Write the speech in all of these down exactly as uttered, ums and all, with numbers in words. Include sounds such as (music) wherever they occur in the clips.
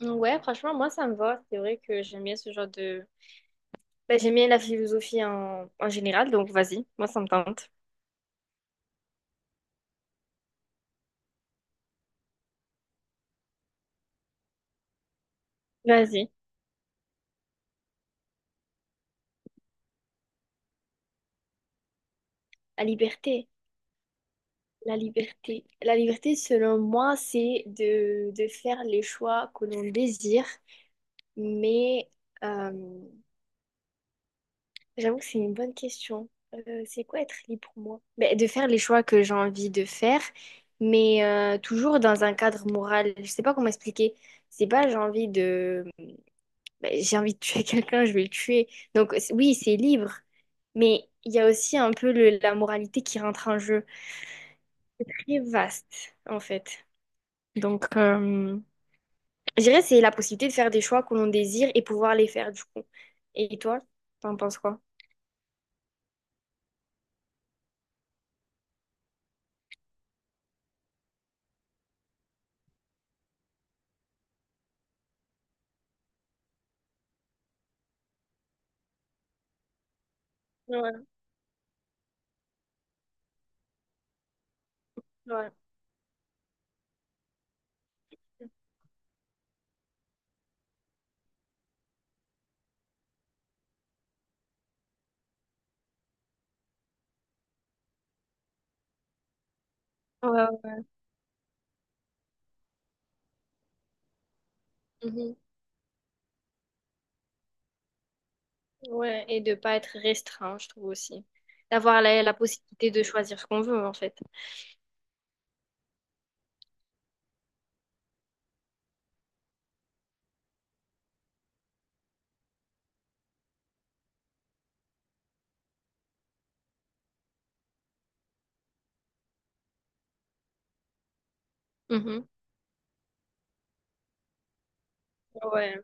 Mhm. Ouais, franchement, moi, ça me va. C'est vrai que j'aime bien ce genre de... Ben, j'aime bien la philosophie en, en général, donc vas-y, moi, ça me tente. Vas-y, à liberté. La liberté. La liberté, selon moi, c'est de, de faire les choix que l'on désire, mais euh, j'avoue que c'est une bonne question. Euh, c'est quoi être libre pour moi? Ben, de faire les choix que j'ai envie de faire, mais euh, toujours dans un cadre moral. Je sais pas comment expliquer. C'est pas j'ai envie de... Ben, j'ai envie de tuer (laughs) quelqu'un, je vais le tuer. Donc c- oui, c'est libre, mais il y a aussi un peu le- la moralité qui rentre en jeu. Très vaste, en fait. Donc... euh, je dirais c'est la possibilité de faire des choix que l'on désire et pouvoir les faire du coup. Et toi, t'en penses quoi? Ouais, ouais. Ouais, ouais. Mhm. Ouais, et de pas être restreint, je trouve aussi. D'avoir la, la possibilité de choisir ce qu'on veut, en fait. Mhm. Ouais.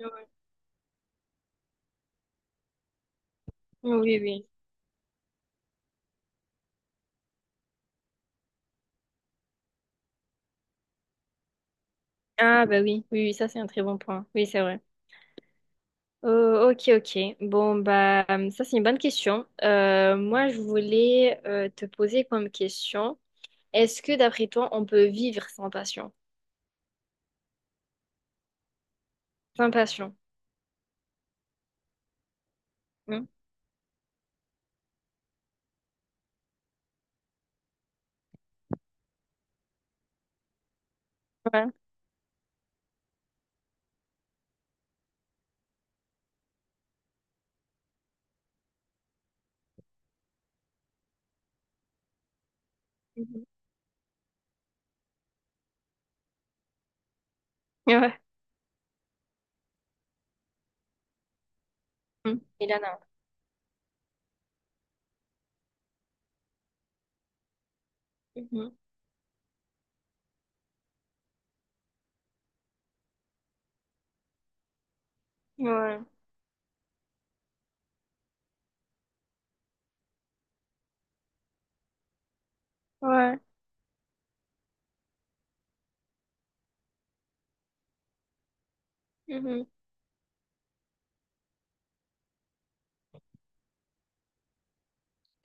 Ouais. Oui, oui. Ah, bah oui, oui, oui, ça c'est un très bon point. Oui, c'est vrai. Oh, ok, ok. Bon, bah, ça c'est une bonne question. Euh, moi, je voulais euh, te poser comme question, est-ce que d'après toi, on peut vivre sans passion? Sans passion. Hmm? Ouais. Mhm. Ouais. Mhm. Elana. Mhm. Ouais. Ouais. Mhm.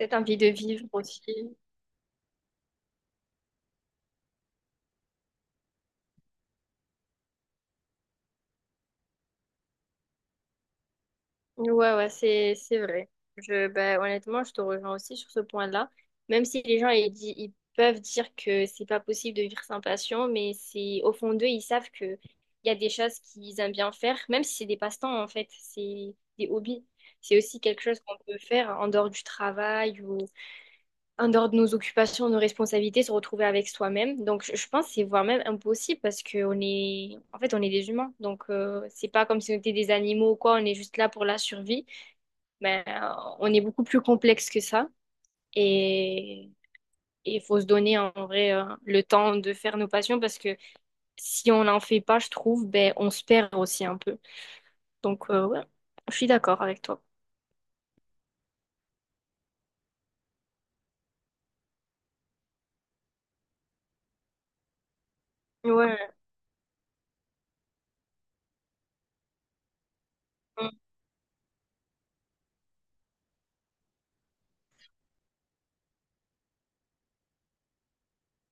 Cette envie de vivre aussi. Ouais, ouais, c'est c'est vrai. Je, ben, honnêtement, je te rejoins aussi sur ce point-là. Même si les gens ils, di- ils peuvent dire que c'est pas possible de vivre sans passion, mais c'est au fond d'eux, ils savent que il y a des choses qu'ils aiment bien faire, même si c'est des passe-temps en fait, c'est des hobbies. C'est aussi quelque chose qu'on peut faire en dehors du travail ou en dehors de nos occupations, nos responsabilités, se retrouver avec soi-même. Donc, je je pense que c'est voire même impossible parce que on est, en fait, on est des humains. Donc, euh, c'est pas comme si on était des animaux ou quoi. On est juste là pour la survie. Mais euh, on est beaucoup plus complexe que ça. Et et il faut se donner en vrai euh, le temps de faire nos passions parce que si on n'en fait pas, je trouve, ben on se perd aussi un peu. Donc, euh, ouais, je suis d'accord avec toi. Ouais.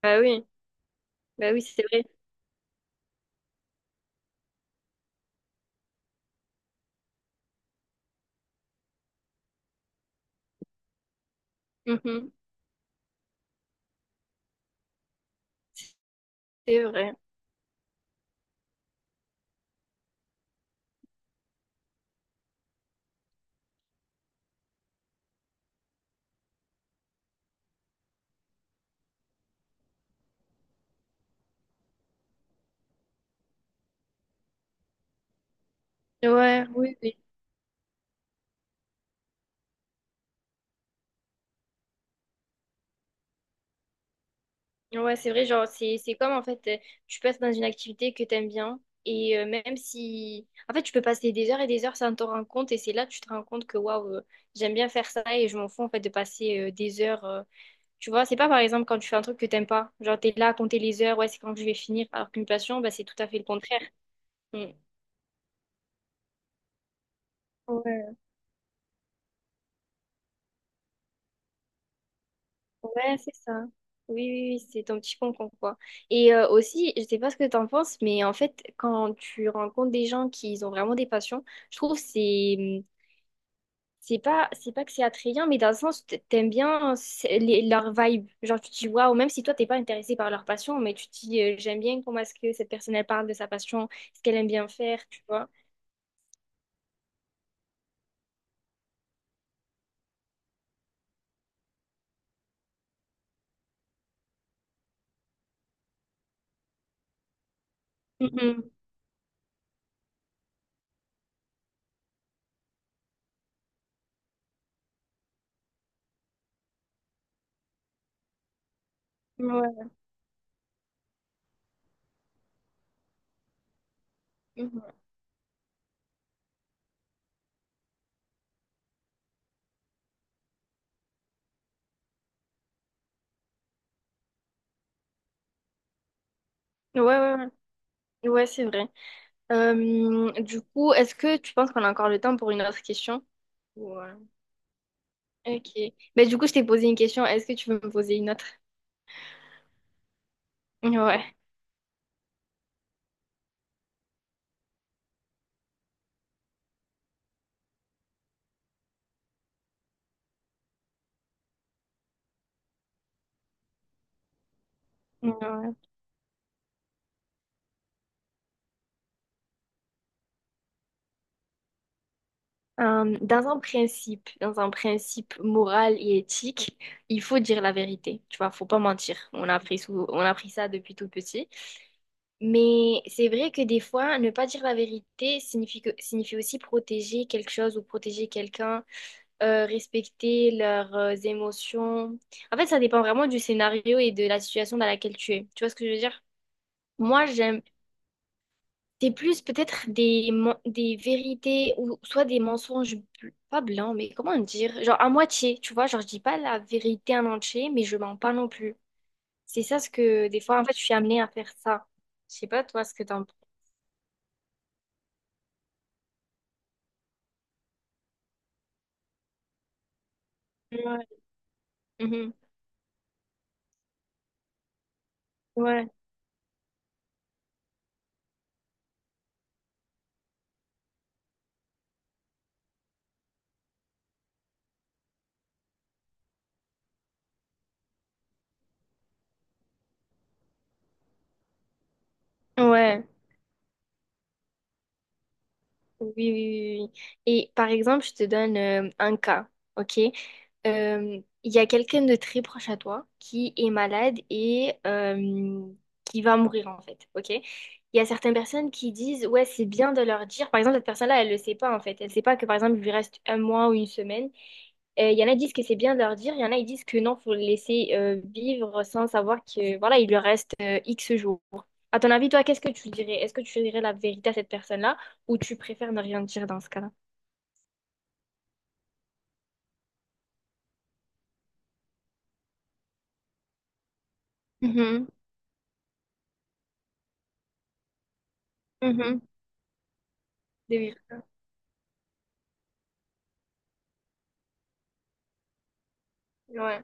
Bah oui, bah oui, c'est vrai. Mhm. C'est vrai. Ouais, oui. Oui. Ouais, c'est vrai, genre, c'est, c'est comme en fait, euh, tu passes dans une activité que t'aimes bien, et euh, même si. En fait, tu peux passer des heures et des heures sans t'en rendre compte, et c'est là que tu te rends compte que waouh, euh, j'aime bien faire ça, et je m'en fous en fait de passer euh, des heures. euh, Tu vois, c'est pas par exemple quand tu fais un truc que t'aimes pas, genre t'es là à compter les heures, ouais, c'est quand je vais finir, alors qu'une passion, bah, c'est tout à fait le contraire. Mm. Ouais. Ouais, c'est ça. Oui, oui, oui, c'est ton petit concon, quoi. Et euh, aussi, je sais pas ce que t'en penses, mais en fait, quand tu rencontres des gens qui ils ont vraiment des passions, je trouve que c'est mmh, c'est pas c'est pas que c'est attrayant, mais dans le sens t- t'aimes bien c'est- les- leur vibe. Genre tu te dis waouh, même si toi t'es pas intéressé par leur passion, mais tu te dis euh, j'aime bien comment est-ce que cette personne elle parle de sa passion, ce qu'elle aime bien faire, tu vois. Mhm. Ouais. Mhm. Ouais, ouais, ouais, ouais, c'est vrai. Euh, du coup, est-ce que tu penses qu'on a encore le temps pour une autre question? Ouais. Ok. Mais du coup, je t'ai posé une question. Est-ce que tu veux me poser une autre? Ouais. Ouais. Euh, dans un principe, dans un principe moral et éthique, il faut dire la vérité. Tu vois, faut pas mentir. On a appris sous- on a appris ça depuis tout petit. Mais c'est vrai que des fois, ne pas dire la vérité signifie que- signifie aussi protéger quelque chose ou protéger quelqu'un, euh, respecter leurs euh, émotions. En fait, ça dépend vraiment du scénario et de la situation dans laquelle tu es. Tu vois ce que je veux dire? Moi, j'aime. C'est plus peut-être des, men- des vérités ou soit des mensonges, bl- pas blancs, mais comment dire? Genre à moitié, tu vois? Genre, je dis pas la vérité en entier, mais je mens pas non plus. C'est ça ce que, des fois, en fait, je suis amenée à faire ça. Je sais pas, toi, ce que t'en penses. Ouais. Mhm. Ouais. Ouais. Oui, oui, oui, oui, oui. Et par exemple, je te donne euh, un cas, ok? Euh, il y a quelqu'un de très proche à toi qui est malade et euh, qui va mourir en fait, ok? Il y a certaines personnes qui disent, ouais, c'est bien de leur dire. Par exemple, cette personne-là, elle le sait pas en fait. Elle sait pas que par exemple, il lui reste un mois ou une semaine. Euh, Il y en a qui disent que c'est bien de leur dire, il y en a qui disent que non, faut le laisser euh, vivre sans savoir que voilà, il lui reste euh, X jours. À ton avis, toi, qu'est-ce que tu dirais? Est-ce que tu dirais la vérité à cette personne-là? Ou tu préfères ne rien dire dans ce cas-là? Mhm, mhm, de vivre ça. Ouais.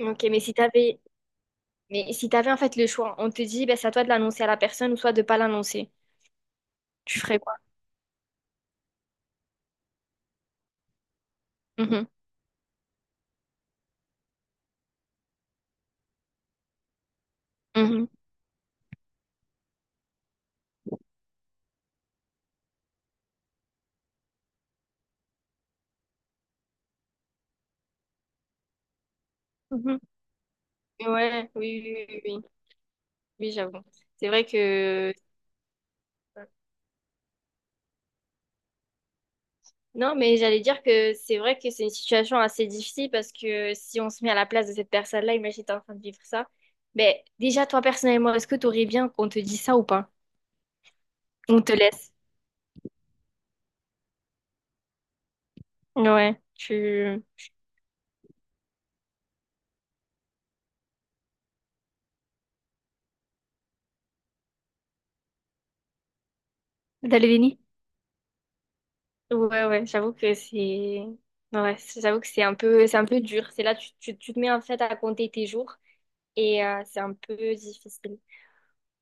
Ok, mais si t'avais, mais si t'avais en fait le choix, on te dit, ben, c'est à toi de l'annoncer à la personne ou soit de pas l'annoncer. Tu ferais quoi? Mhm, mhm, mhm. Ouais, oui, oui, oui, oui, oui, oui, j'avoue. C'est vrai que... Non, mais j'allais dire que c'est vrai que c'est une situation assez difficile parce que si on se met à la place de cette personne-là, imagine t'es en train de vivre ça. Ben, déjà, toi, personnellement, est-ce que t'aurais bien qu'on te dise ça ou pas? On te laisse. Ouais, tu... T'as le déni? Ouais, ouais, j'avoue que c'est... Ouais, c'est- j'avoue que c'est un peu, c'est un peu dur. C'est là, tu, tu, tu te mets en fait à compter tes jours et euh, c'est un peu difficile.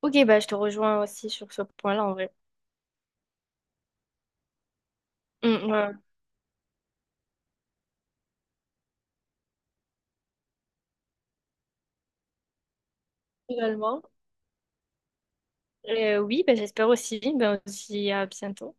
Ok, bah je te rejoins aussi sur ce point-là en vrai. Mm, ouais. Également. Euh, oui, bah, j'espère aussi. Bah, on se dit à bientôt.